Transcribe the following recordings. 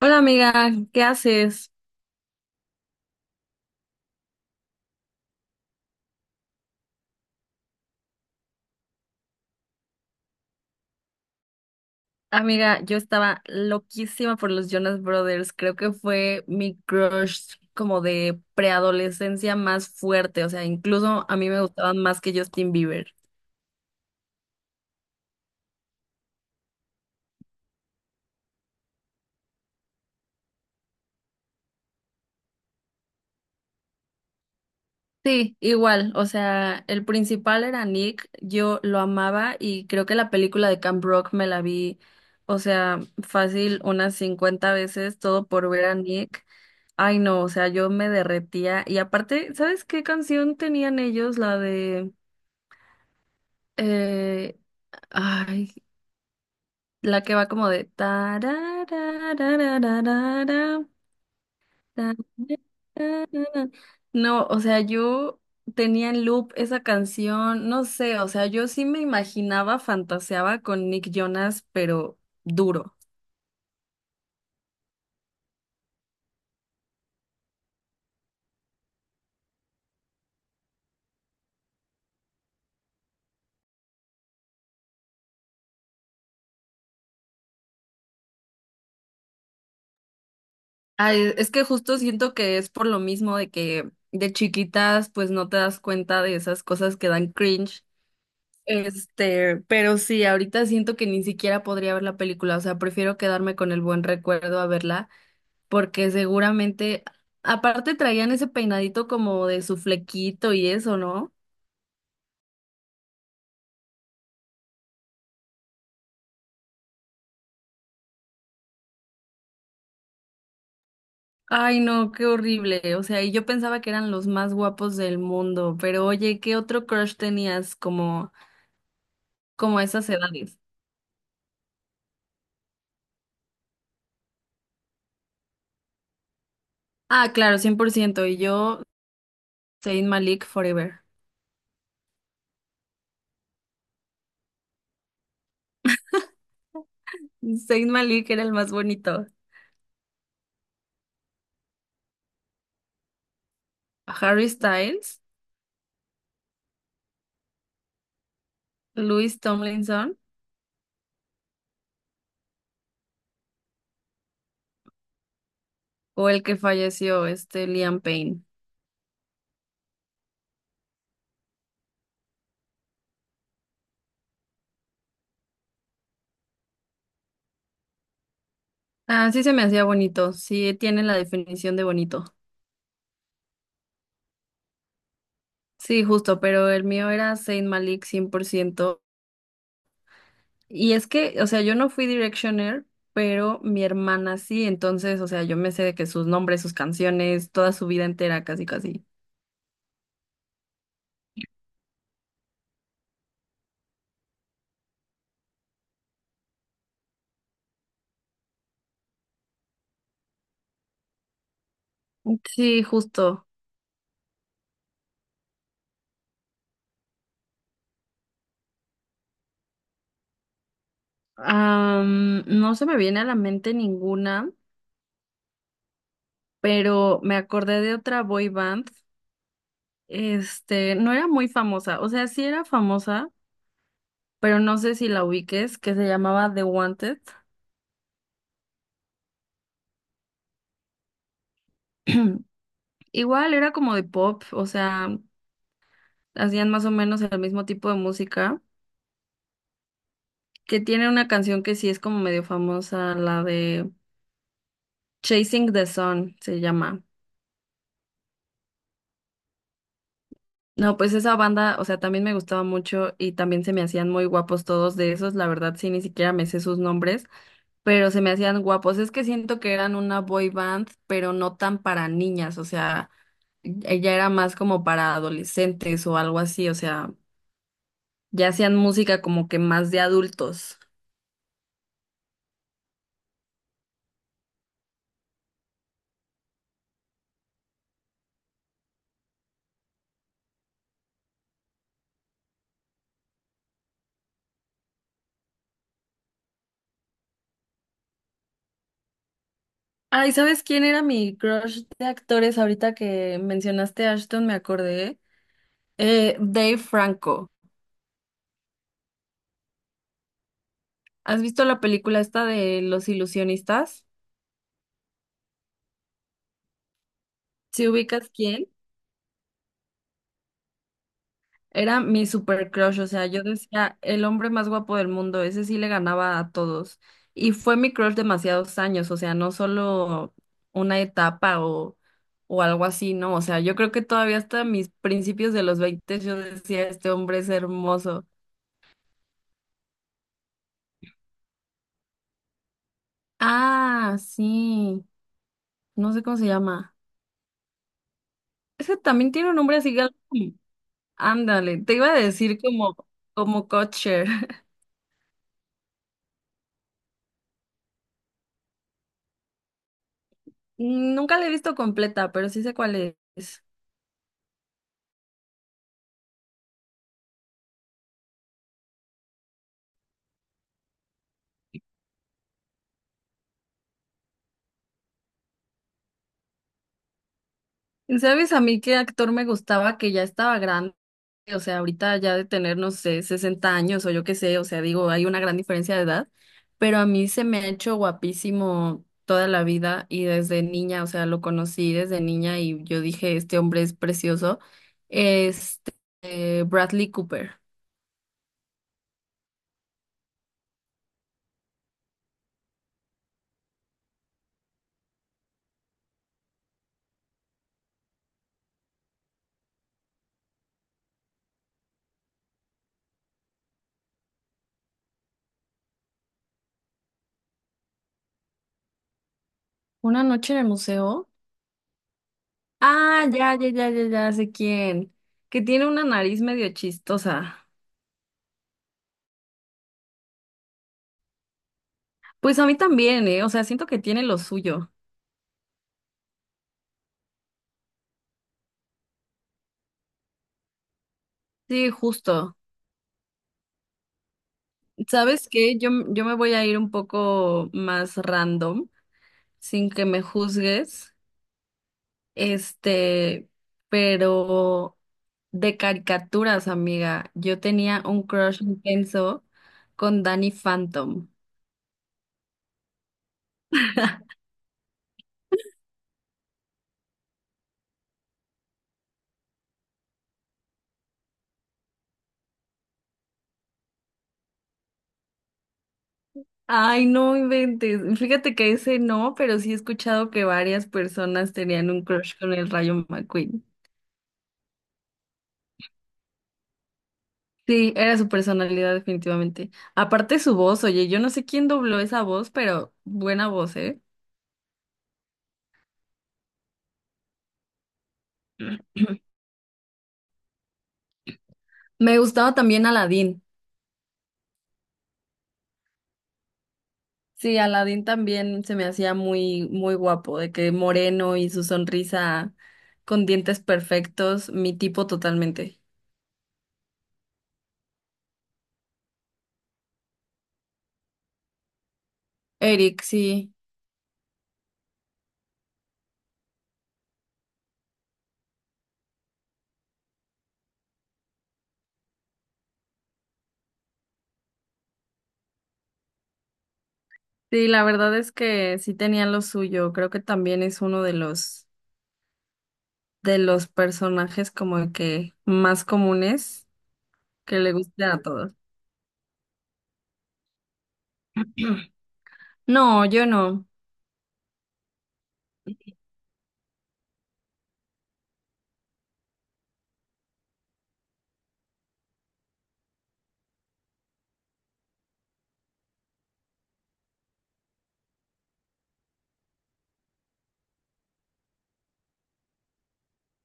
Hola amiga, ¿qué haces? Amiga, yo estaba loquísima por los Jonas Brothers. Creo que fue mi crush como de preadolescencia más fuerte. O sea, incluso a mí me gustaban más que Justin Bieber. Sí, igual. O sea, el principal era Nick. Yo lo amaba y creo que la película de Camp Rock me la vi, o sea, fácil unas 50 veces, todo por ver a Nick. Ay, no, o sea, yo me derretía. Y aparte, ¿sabes qué canción tenían ellos? La de... Eh, ay, la que va como de tararararararara, tararara. No, o sea, yo tenía en loop esa canción, no sé, o sea, yo sí me imaginaba, fantaseaba con Nick Jonas, pero duro. Ay, es que justo siento que es por lo mismo de que de chiquitas, pues no te das cuenta de esas cosas que dan cringe. Pero sí, ahorita siento que ni siquiera podría ver la película, o sea, prefiero quedarme con el buen recuerdo a verla, porque seguramente, aparte traían ese peinadito como de su flequito y eso, ¿no? Ay, no, qué horrible, o sea, y yo pensaba que eran los más guapos del mundo, pero oye, ¿qué otro crush tenías como, como a esas edades? Ah, claro, 100%, y yo, Zayn Malik Forever. Zayn Malik era el más bonito. Harry Styles, Louis Tomlinson. O el que falleció, este Liam Payne. Ah, sí se me hacía bonito, sí tiene la definición de bonito. Sí, justo, pero el mío era Saint Malik 100%. Y es que, o sea, yo no fui Directioner, pero mi hermana sí, entonces, o sea, yo me sé de que sus nombres, sus canciones, toda su vida entera, casi, casi. Sí, justo. No se me viene a la mente ninguna, pero me acordé de otra boy band. No era muy famosa, o sea, sí era famosa, pero no sé si la ubiques, que se llamaba The Wanted. Igual era como de pop, o sea, hacían más o menos el mismo tipo de música, que tiene una canción que sí es como medio famosa, la de Chasing the Sun se llama. No, pues esa banda, o sea, también me gustaba mucho y también se me hacían muy guapos todos de esos, la verdad sí, ni siquiera me sé sus nombres, pero se me hacían guapos. Es que siento que eran una boy band, pero no tan para niñas, o sea, ella era más como para adolescentes o algo así, o sea, ya hacían música como que más de adultos. Ay, ¿sabes quién era mi crush de actores? Ahorita que mencionaste a Ashton, me acordé. Dave Franco. ¿Has visto la película esta de Los Ilusionistas? ¿Si ubicas quién? Era mi super crush, o sea, yo decía, el hombre más guapo del mundo, ese sí le ganaba a todos. Y fue mi crush demasiados años, o sea, no solo una etapa o algo así, ¿no? O sea, yo creo que todavía hasta mis principios de los 20 yo decía, este hombre es hermoso. Ah, sí, no sé cómo se llama. Ese también tiene un nombre así, algo como- ándale, te iba a decir como, como Kutcher. Nunca la he visto completa, pero sí sé cuál es. ¿Sabes a mí qué actor me gustaba que ya estaba grande? O sea, ahorita ya de tener, no sé, 60 años o yo qué sé, o sea, digo, hay una gran diferencia de edad, pero a mí se me ha hecho guapísimo toda la vida y desde niña, o sea, lo conocí desde niña y yo dije, este hombre es precioso. Este, Bradley Cooper. Una noche en el museo. Ah, ya, ya, ya, ya, ya sé quién. Que tiene una nariz medio chistosa. Pues a mí también, ¿eh? O sea, siento que tiene lo suyo. Sí, justo. ¿Sabes qué? Yo me voy a ir un poco más random, sin que me juzgues, este, pero de caricaturas, amiga. Yo tenía un crush intenso con Danny Phantom. Ay, no inventes. Fíjate que ese no, pero sí he escuchado que varias personas tenían un crush con el Rayo McQueen. Sí, era su personalidad definitivamente. Aparte su voz, oye, yo no sé quién dobló esa voz, pero buena voz, ¿eh? Me gustaba también Aladín. Sí, Aladín también se me hacía muy, muy guapo, de que moreno y su sonrisa con dientes perfectos, mi tipo totalmente. Eric, sí. Sí, la verdad es que sí tenía lo suyo. Creo que también es uno de los personajes como que más comunes que le guste a todos. No, yo no.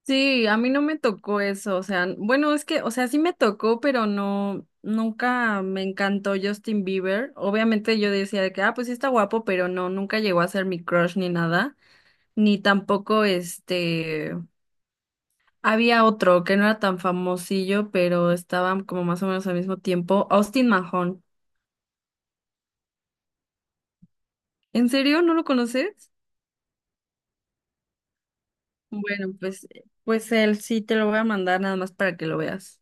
Sí, a mí no me tocó eso, o sea, bueno, es que, o sea, sí me tocó, pero no, nunca me encantó Justin Bieber. Obviamente yo decía de que, ah, pues sí está guapo, pero no, nunca llegó a ser mi crush ni nada, ni tampoco había otro que no era tan famosillo, pero estaban como más o menos al mismo tiempo, Austin Mahone. ¿En serio? ¿No lo conoces? Bueno, pues, pues él sí te lo voy a mandar nada más para que lo veas.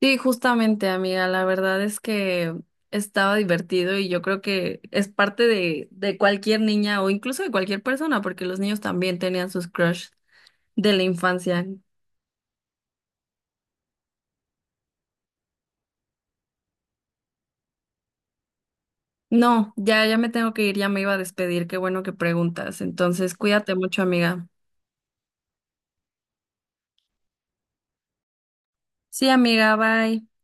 Sí, justamente, amiga, la verdad es que estaba divertido y yo creo que es parte de cualquier niña o incluso de cualquier persona, porque los niños también tenían sus crush de la infancia. No, ya, ya me tengo que ir, ya me iba a despedir, qué bueno que preguntas. Entonces, cuídate mucho, amiga. Sí, amiga, bye.